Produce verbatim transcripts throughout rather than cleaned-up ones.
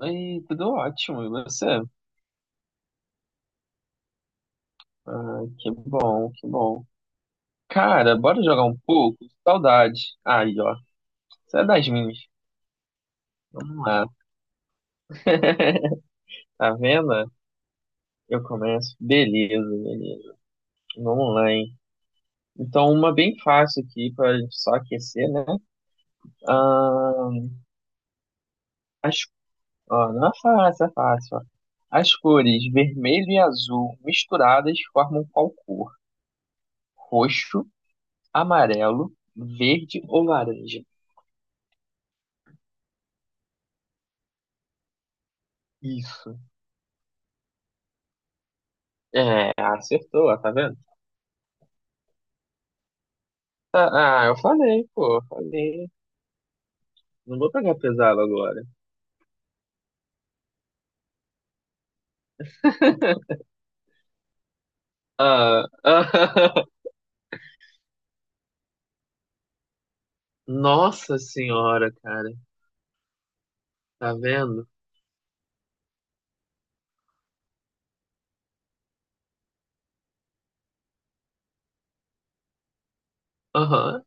Ei, tudo ótimo, e você? Ah, que bom, que bom. Cara, bora jogar um pouco? Saudade. Aí, ó. Você é das minhas. Vamos lá. Tá vendo? Eu começo. Beleza, beleza. Vamos lá, hein? Então, uma bem fácil aqui pra gente só aquecer, né? Ah, as... ó, não é fácil, é fácil, ó. As cores vermelho e azul misturadas formam qual cor? Roxo, amarelo, verde ou laranja? Isso. É, acertou, ó, tá vendo? Ah, ah, eu falei, pô, eu falei. Não vou pegar pesado agora. Ah, ah, nossa senhora, cara. Tá vendo? Aham.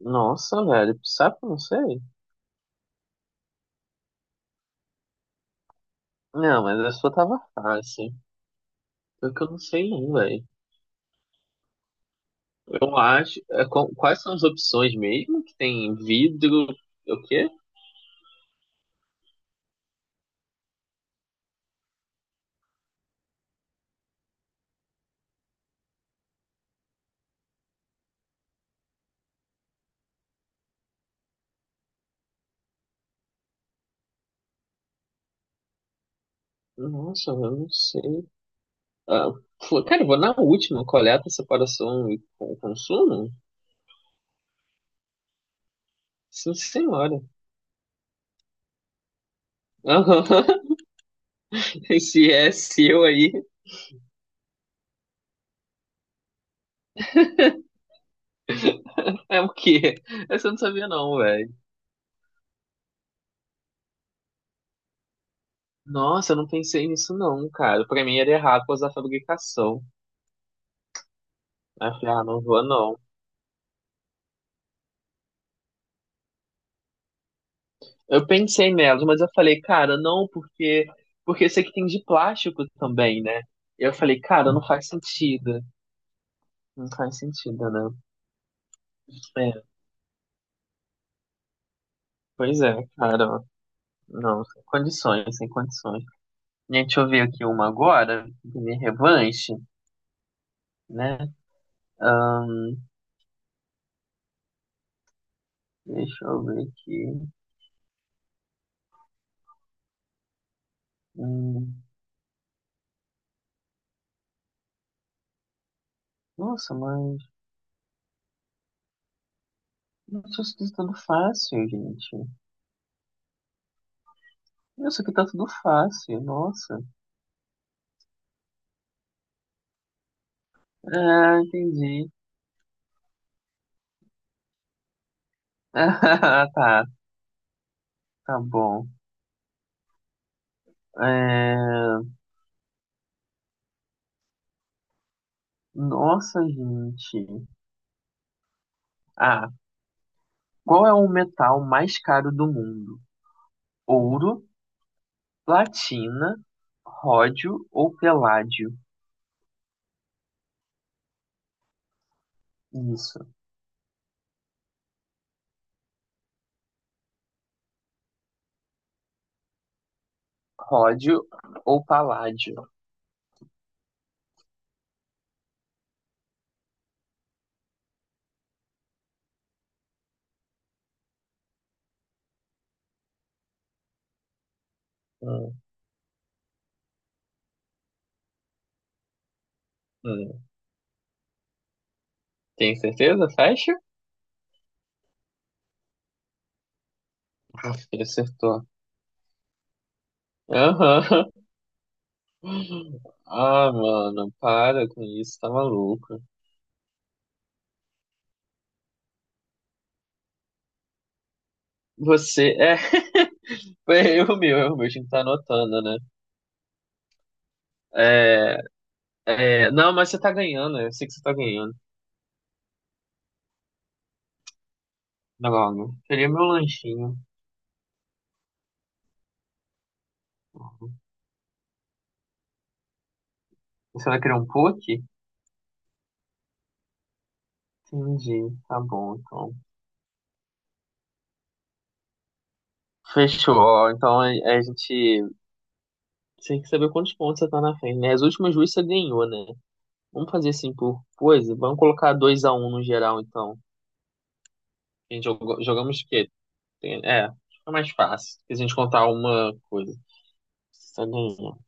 Nossa, velho. Sabe que eu não sei? Não, mas a sua tava fácil. Só que eu não sei não, velho. Eu acho... é, qu- quais são as opções mesmo? Que tem vidro... O quê? Nossa, eu não sei. Ah, pô, cara, eu vou na última. Coleta, separação e con- consumo? Sim, senhora. Aham. Se é seu aí, é o quê? Essa eu não sabia não, velho. Nossa, eu não pensei nisso não, cara. Pra mim era errado por causa da fabricação. Aí eu falei, ah, não vou não. Eu pensei nelas, mas eu falei, cara, não, porque porque esse aqui tem de plástico também, né? E eu falei, cara, não faz sentido. Não faz sentido, né? É, pois é, cara. Não, sem condições, sem condições. Gente, deixa eu ver aqui uma agora, de revanche, né? Deixa eu ver aqui. Hum, nossa, mas isso aqui tá tudo fácil, gente. Isso aqui tá tudo fácil, nossa. É, entendi. Ah, tá, tá bom. É, nossa, gente. Ah, qual é o metal mais caro do mundo? Ouro, platina, ródio ou peládio? Isso. Ródio ou paládio? Hum, hum. Tem certeza? Fecha? Acho ele acertou. Aham. Ah, mano, para com isso, tá maluco. Você é. Foi erro meu, erro meu, a gente tá anotando, né? É, é, não, mas você tá ganhando, eu sei que você tá ganhando. Logo, queria meu lanchinho. Você vai querer um poke? Entendi, tá bom, então. Fechou, ó, então a, a gente. Você tem que saber quantos pontos você tá na frente, né? As últimas duas você ganhou, né? Vamos fazer assim por coisa? Vamos colocar dois a um no geral, então. A gente jogou- jogamos o quê? Tem- É, fica mais fácil. Se a gente contar uma coisa. Tá, bom.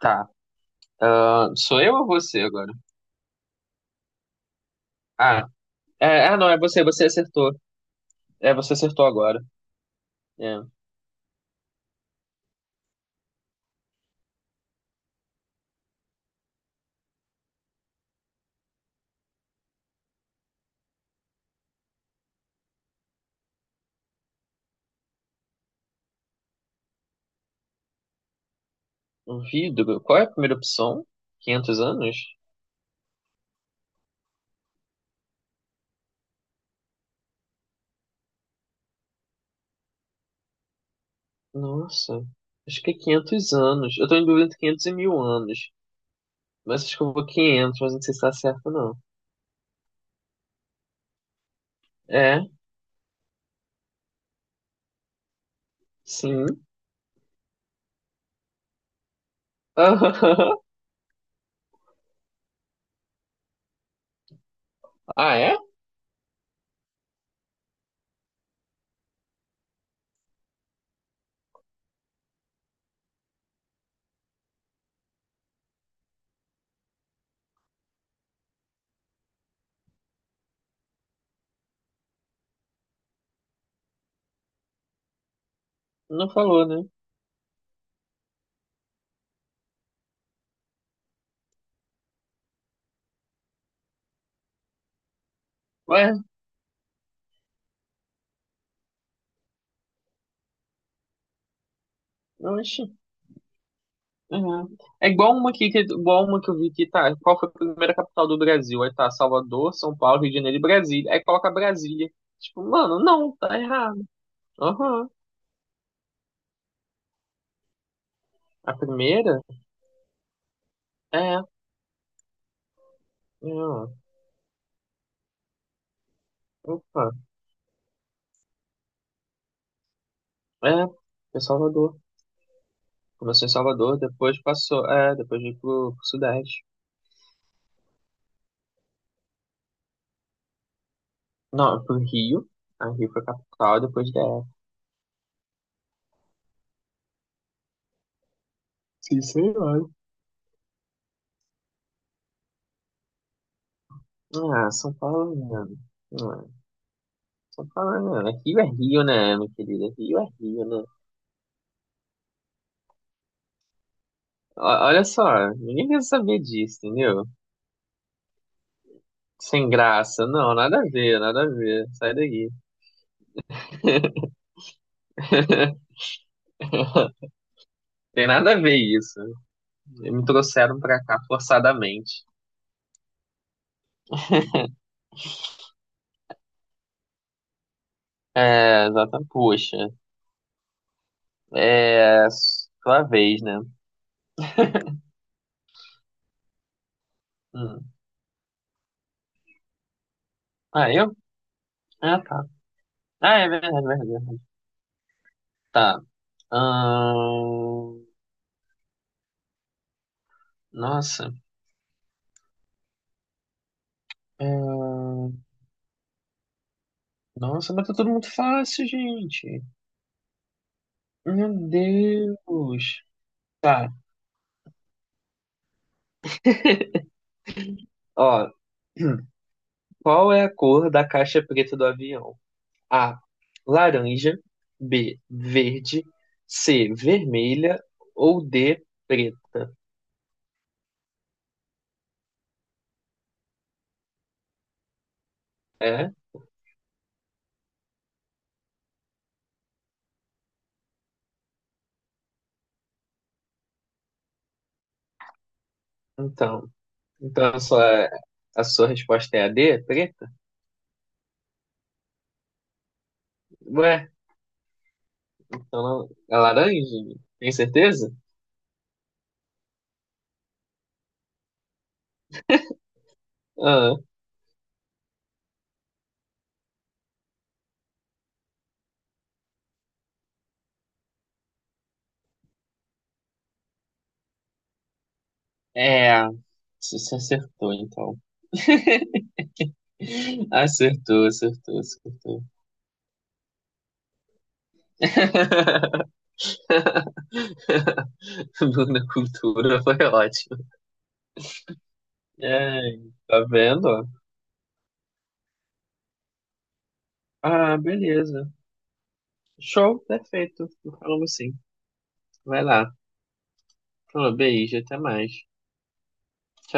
Tá. Ah, sou eu ou você agora? Ah, é, ah, não, é você, você acertou. É, você acertou agora. É. Um vidro. Qual é a primeira opção? Quinhentos anos? Nossa, acho que é quinhentos anos. Eu tô em dúvida entre quinhentos e mil anos. Mas acho que eu vou quinhentos. Mas não sei se tá certo, não. É, sim. Ah, é? Não falou, né? Ué, não, oxi. Uhum. É igual uma aqui que, igual uma que eu vi que tá. Qual foi a primeira capital do Brasil? Aí tá Salvador, São Paulo, Rio de Janeiro e Brasília. Aí coloca Brasília. Tipo, mano, não, tá errado. Aham. A primeira é. Não, Opa. É. Foi Salvador. Começou em Salvador, depois passou. É, depois veio pro, pro Sudeste. Não, pro Rio. A Rio foi capital, depois D F. Sim, senhor. Ah, São Paulo, mano. Ah, São Paulo, mano. Rio é Rio, né, meu querido? Rio é Rio, né? Ó- Olha só, ninguém quer saber disso, entendeu? Sem graça, não, nada a ver, nada a ver, sai daí. Tem nada a ver isso. Me trouxeram pra cá forçadamente. É, exatamente, poxa. É, sua vez, né? Hum. Ah, eu? Ah, tá. Ah, é verdade, verdade. Verdade. Tá. Ahn, nossa. Ahn, nossa, mas tá tudo muito fácil, gente. Meu Deus. Tá. Ó, qual é a cor da caixa preta do avião? A. Laranja. B. Verde. C. Vermelha. Ou D. Preta. É? Então. Então a sua, a sua resposta é a D? Preta? Ué, então não, é laranja? Tem certeza? Ah, é. Você você acertou, então. Acertou, acertou, acertou. Luna Cultura foi ótimo. É, tá vendo? Ó? Ah, beleza. Show, perfeito. Falamos sim. Vai lá. Falou, beijo, até mais.